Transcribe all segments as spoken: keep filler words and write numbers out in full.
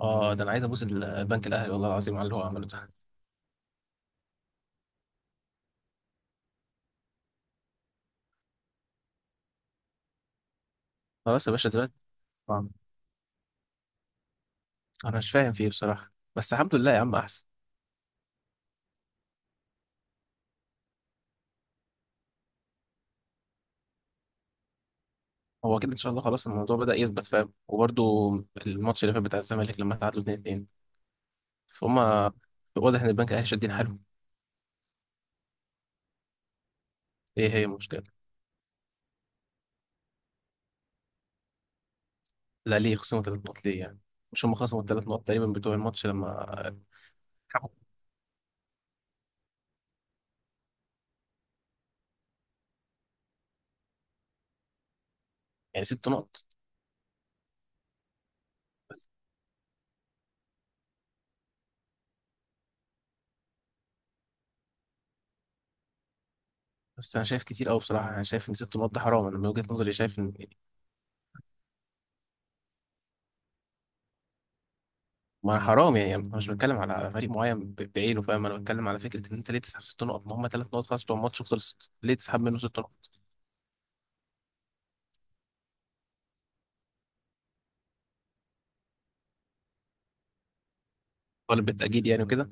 اه، ده انا عايز ابوس ال- البنك الاهلي والله العظيم على اللي هو عمله ده. خلاص يا باشا دلوقتي. آه. انا مش فاهم فيه بصراحه، بس الحمد لله يا عم احسن. هو كده ان شاء الله، خلاص الموضوع بدأ يثبت، فاهم؟ وبرده الماتش اللي فات بتاع الزمالك لما تعادلوا اتنين اتنين، فهم، واضح ان البنك الاهلي شادين حيلهم. ايه هي المشكله؟ لا ليه خصموا ثلاث نقط ليه يعني؟ مش هم خصموا الثلاث نقط تقريبا بتوع الماتش لما سحبوا؟ يعني ست نقط؟ بس. بس انا شايف كتير قوي بصراحه، انا شايف ان ست نقط ده حرام، انا من وجهه نظري شايف ان ما حرام يعني. انا مش بتكلم على فريق معين ب- بعينه، فاهم؟ انا بتكلم على فكره ان انت ليه تسحب ست نقط؟ ما هم ثلاث نقط خلاص بتوع الماتش وخلصت، ليه تسحب منه ست نقط؟ طالب بالتاجيل يعني وكده.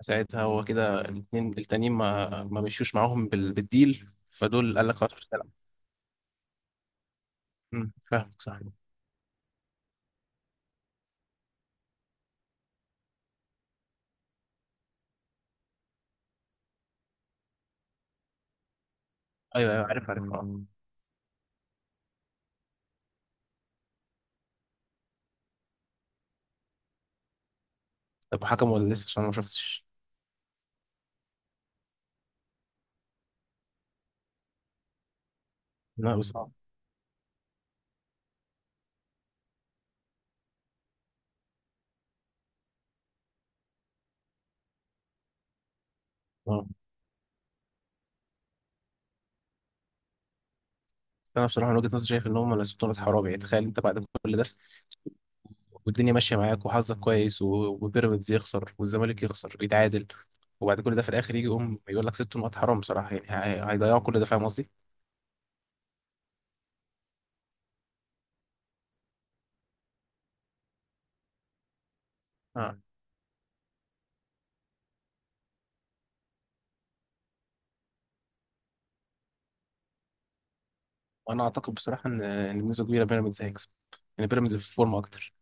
ساعتها هو كده الاثنين التانيين ما ما مشيوش معاهم بال- بالديل، فدول قال لك خلاص مش هتلعب. أمم، فاهمك صح. ايوه ايوه، عارف عارف، اه. طب حكم ولا لسه؟ عشان انا ما شفتش. لا بس اه. آه. بس انا بصراحه من وجهه نظري شايف ان هم الست نقط حرام. يعني تخيل انت بعد كل ده، والدنيا ماشيه معاك وحظك كويس و- وبيراميدز يخسر والزمالك يخسر ويتعادل، وبعد كل ده في الاخر يجي يقوم يقول لك ست نقط، حرام بصراحه يعني. هي- هيضيعوا كل ده، فاهم قصدي؟ اه. وانا اعتقد بصراحه ان ان بنسبه كبيره بيراميدز هيكسب، يعني بيراميدز في فورمه اكتر.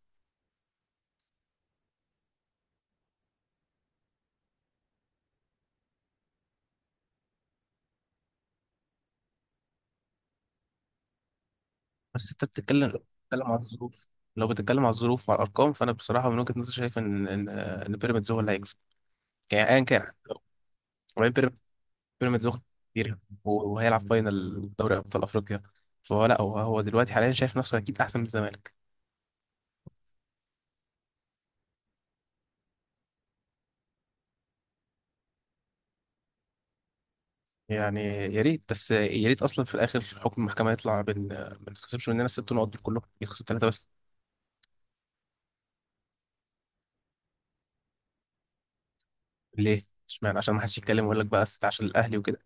بس انت بتتكلم، لو بتتكلم على الظروف، لو بتتكلم على الظروف وعلى الارقام، فانا بصراحه من وجهه نظري شايف ان ان ان بيراميدز هو اللي هيكسب، يعني ايا كان. وبعدين بيراميدز بيراميدز واخد كتير، وهيلعب فاينل دوري ابطال افريقيا، فهو لا، هو هو دلوقتي حاليا شايف نفسه اكيد احسن من الزمالك. يعني يا ريت، بس يا ريت اصلا في الاخر حكم المحكمه يطلع بان ما نتخصمش مننا الست نقط دول كلهم، يتخصم ثلاثه بس. ليه؟ اشمعنى؟ عشان ما حدش يتكلم ويقول لك بقى ست عشان الاهلي وكده.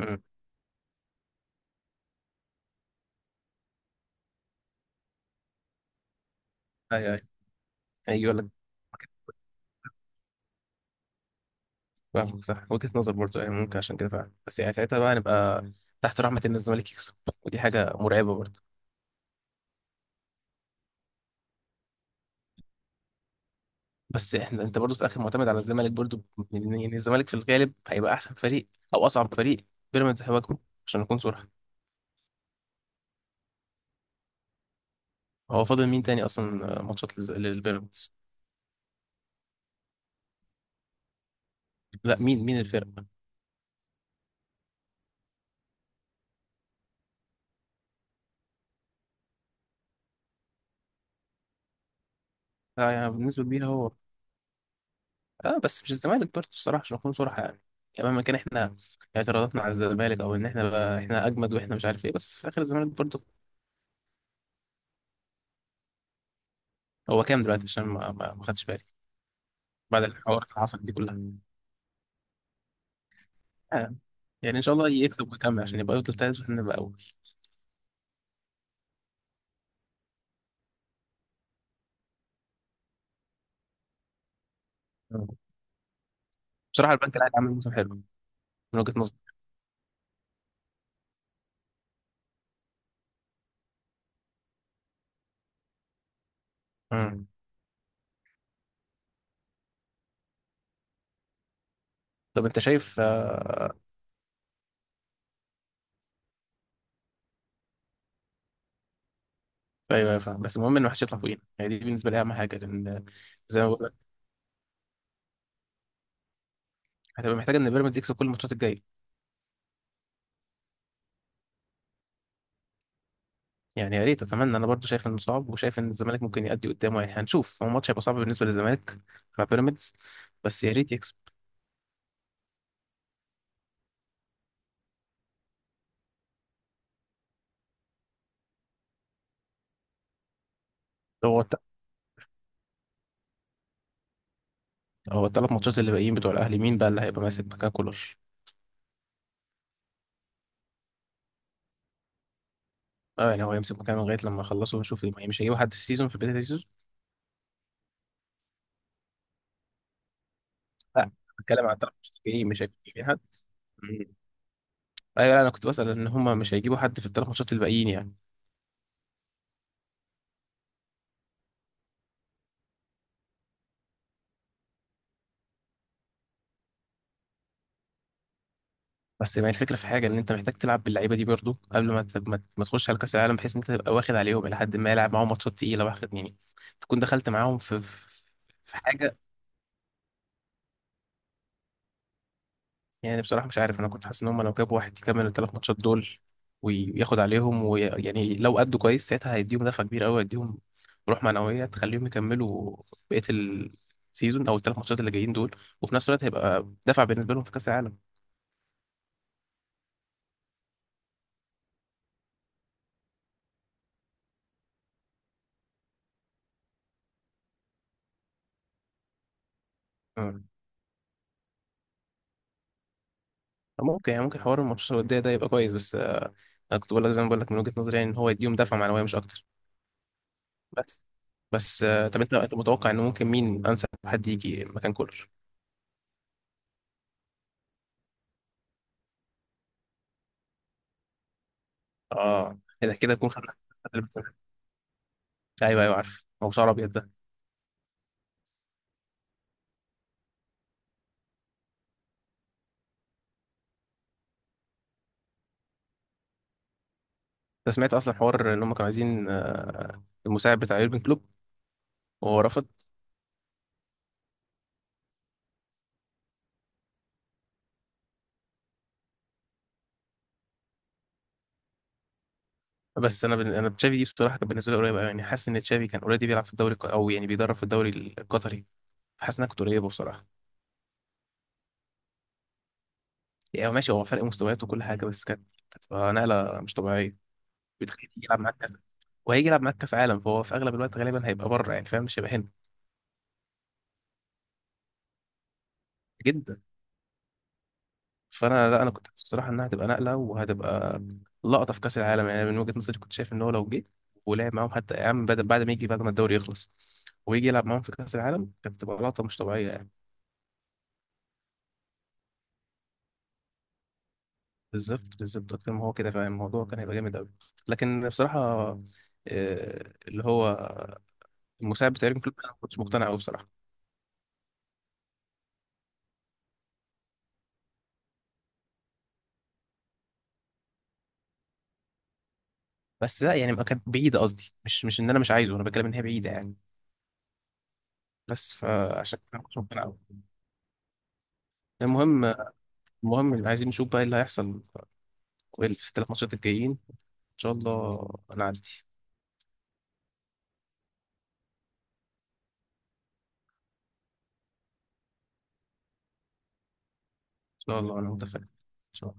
امم ايوه ايوه، هيجي يقول لك. فاهمك صح، وجهه نظر برضه يعني، ممكن عشان كده فعلا، بس يعني ساعتها بقى نبقى تحت رحمه ان الزمالك يكسب، ودي حاجه مرعبه برضه. بس احنا، انت برضه في الاخر معتمد على الزمالك برضه، يعني الزمالك في الغالب هيبقى احسن فريق، او اصعب فريق بيراميدز هيواجهه، عشان نكون صراحه. هو فاضل مين تاني اصلا ماتشات للز- للبيراميدز؟ لا مين مين الفرقة؟ لا يعني بنسبة كبيرة هو. اه بس مش الزمالك برضه الصراحة، عشان نكون صراحة يعني، يعني مهما كان احنا اعتراضاتنا على الزمالك، او ان احنا بقى احنا اجمد واحنا مش عارف ايه، بس في الاخر الزمالك برضه. هو كام دلوقتي عشان ما, ما, ما خدش بالي بعد الحوارات اللي حصلت دي كلها؟ آه. يعني ان شاء الله يكسب ويكمل عشان يبقى يفضل تالت واحنا نبقى اول. آه. بصراحة البنك الاهلي عامل موسم حلو من وجهة نظري. مم. طب انت شايف؟ آه، ايوه ايوه فاهم، بس المهم ان ما حدش يطلع فوقينا، يعني دي بالنسبه لي اهم حاجه، لان زي ما بقول لك هتبقى محتاج ان بيراميدز يكسب كل الماتشات الجايه، يعني يا ريت. اتمنى، انا برضو شايف انه صعب، وشايف ان الزمالك ممكن يأدي قدامه، يعني هنشوف، هو الماتش هيبقى صعب بالنسبه للزمالك مع بيراميدز، بس يا ريت يكسب. هو الت- هو الثلاث ماتشات اللي باقيين بتوع الاهلي مين بقى اللي هيبقى ماسك مكان كولر؟ اه يعني هو يمسك مكانه لغايه لما يخلصوا ونشوف، يعني مش هيجيبوا حد في السيزون، في بدايه السيزون؟ لا بتكلم عن الثلاث ماتشات الجايين، مش هيجيبوا حد؟ مم. ايوه لا، انا كنت بسأل ان هم مش هيجيبوا حد في الثلاث ماتشات اللي باقيين يعني. بس ما هي الفكره في حاجه، ان انت محتاج تلعب باللعيبه دي برضو قبل ما ت- ما ما تخش على كاس العالم، بحيث ان انت تبقى واخد عليهم الى حد ما، يلعب معاهم ماتشات تقيله، واخد يعني، تكون دخلت معاهم في في في حاجه، يعني بصراحه مش عارف. انا كنت حاسس ان هم لو جابوا واحد يكمل الثلاث ماتشات دول وياخد عليهم، ويعني لو أدوا كويس ساعتها هيديهم دفعه كبيره قوي، هيديهم روح معنويه تخليهم يكملوا بقيه السيزون او الثلاث ماتشات اللي جايين دول، وفي نفس الوقت هيبقى دفع بالنسبه لهم في كاس العالم. آه. ممكن يعني، ممكن حوار الماتشات الودية ده يبقى كويس، بس آه، انا كنت بقول لك زي ما بقول لك من وجهة نظري يعني، ان هو يديهم دفعة معنوية، مش اكتر. بس. بس آه، طب انت انت متوقع ان ممكن مين انسب حد يجي مكان كولر؟ اه، كده كده يكون خد. ايوه ايوه عارف، هو شعر ابيض ده. انت سمعت اصلا حوار ان هم كانوا عايزين آه، المساعد بتاع يورجن كلوب وهو رفض؟ بس انا بن... انا تشافي دي بصراحه كانت بالنسبه لي قريبه أوي، يعني حاسس ان تشافي كان اوريدي بيلعب في الدوري الق- او يعني بيدرب في الدوري القطري، فحاسس انها كانت قريبه بصراحه. يعني ماشي، هو فرق مستويات وكل حاجه، بس كانت هتبقى نقله مش طبيعيه، بتخليه يلعب معاك كاس، وهيجي يلعب معاك كاس عالم، فهو في اغلب الوقت غالبا هيبقى بره، يعني فاهم، مش هيبقى هنا جدا. فانا لا، انا كنت حاسس بصراحه انها هتبقى نقله وهتبقى لقطه في كاس العالم، يعني من وجهه نظري كنت شايف ان هو لو جه ولعب معاهم، حتى يا عم بعد بعد ما يجي، بعد ما الدوري يخلص ويجي يلعب معاهم في كاس العالم، كانت تبقى لقطه مش طبيعيه يعني. بالظبط بالظبط، اكتر ما هو كده، فاهم الموضوع كان هيبقى جامد قوي. لكن بصراحه آه، اللي هو المساعد بتاع يورجن كلوب انا ما كنتش مقتنع قوي بصراحه. بس لا يعني، ما كانت بعيدة، قصدي مش، مش ان انا مش عايزه، انا بتكلم ان هي بعيدة يعني، بس فعشان كده كنت ربنا قوي. المهم. المهم اللي عايزين نشوف بقى إيه اللي هيحصل في الثلاث ماتشات الجايين ان شاء الله. انا عندي، ان شاء الله انا متفائل إن شاء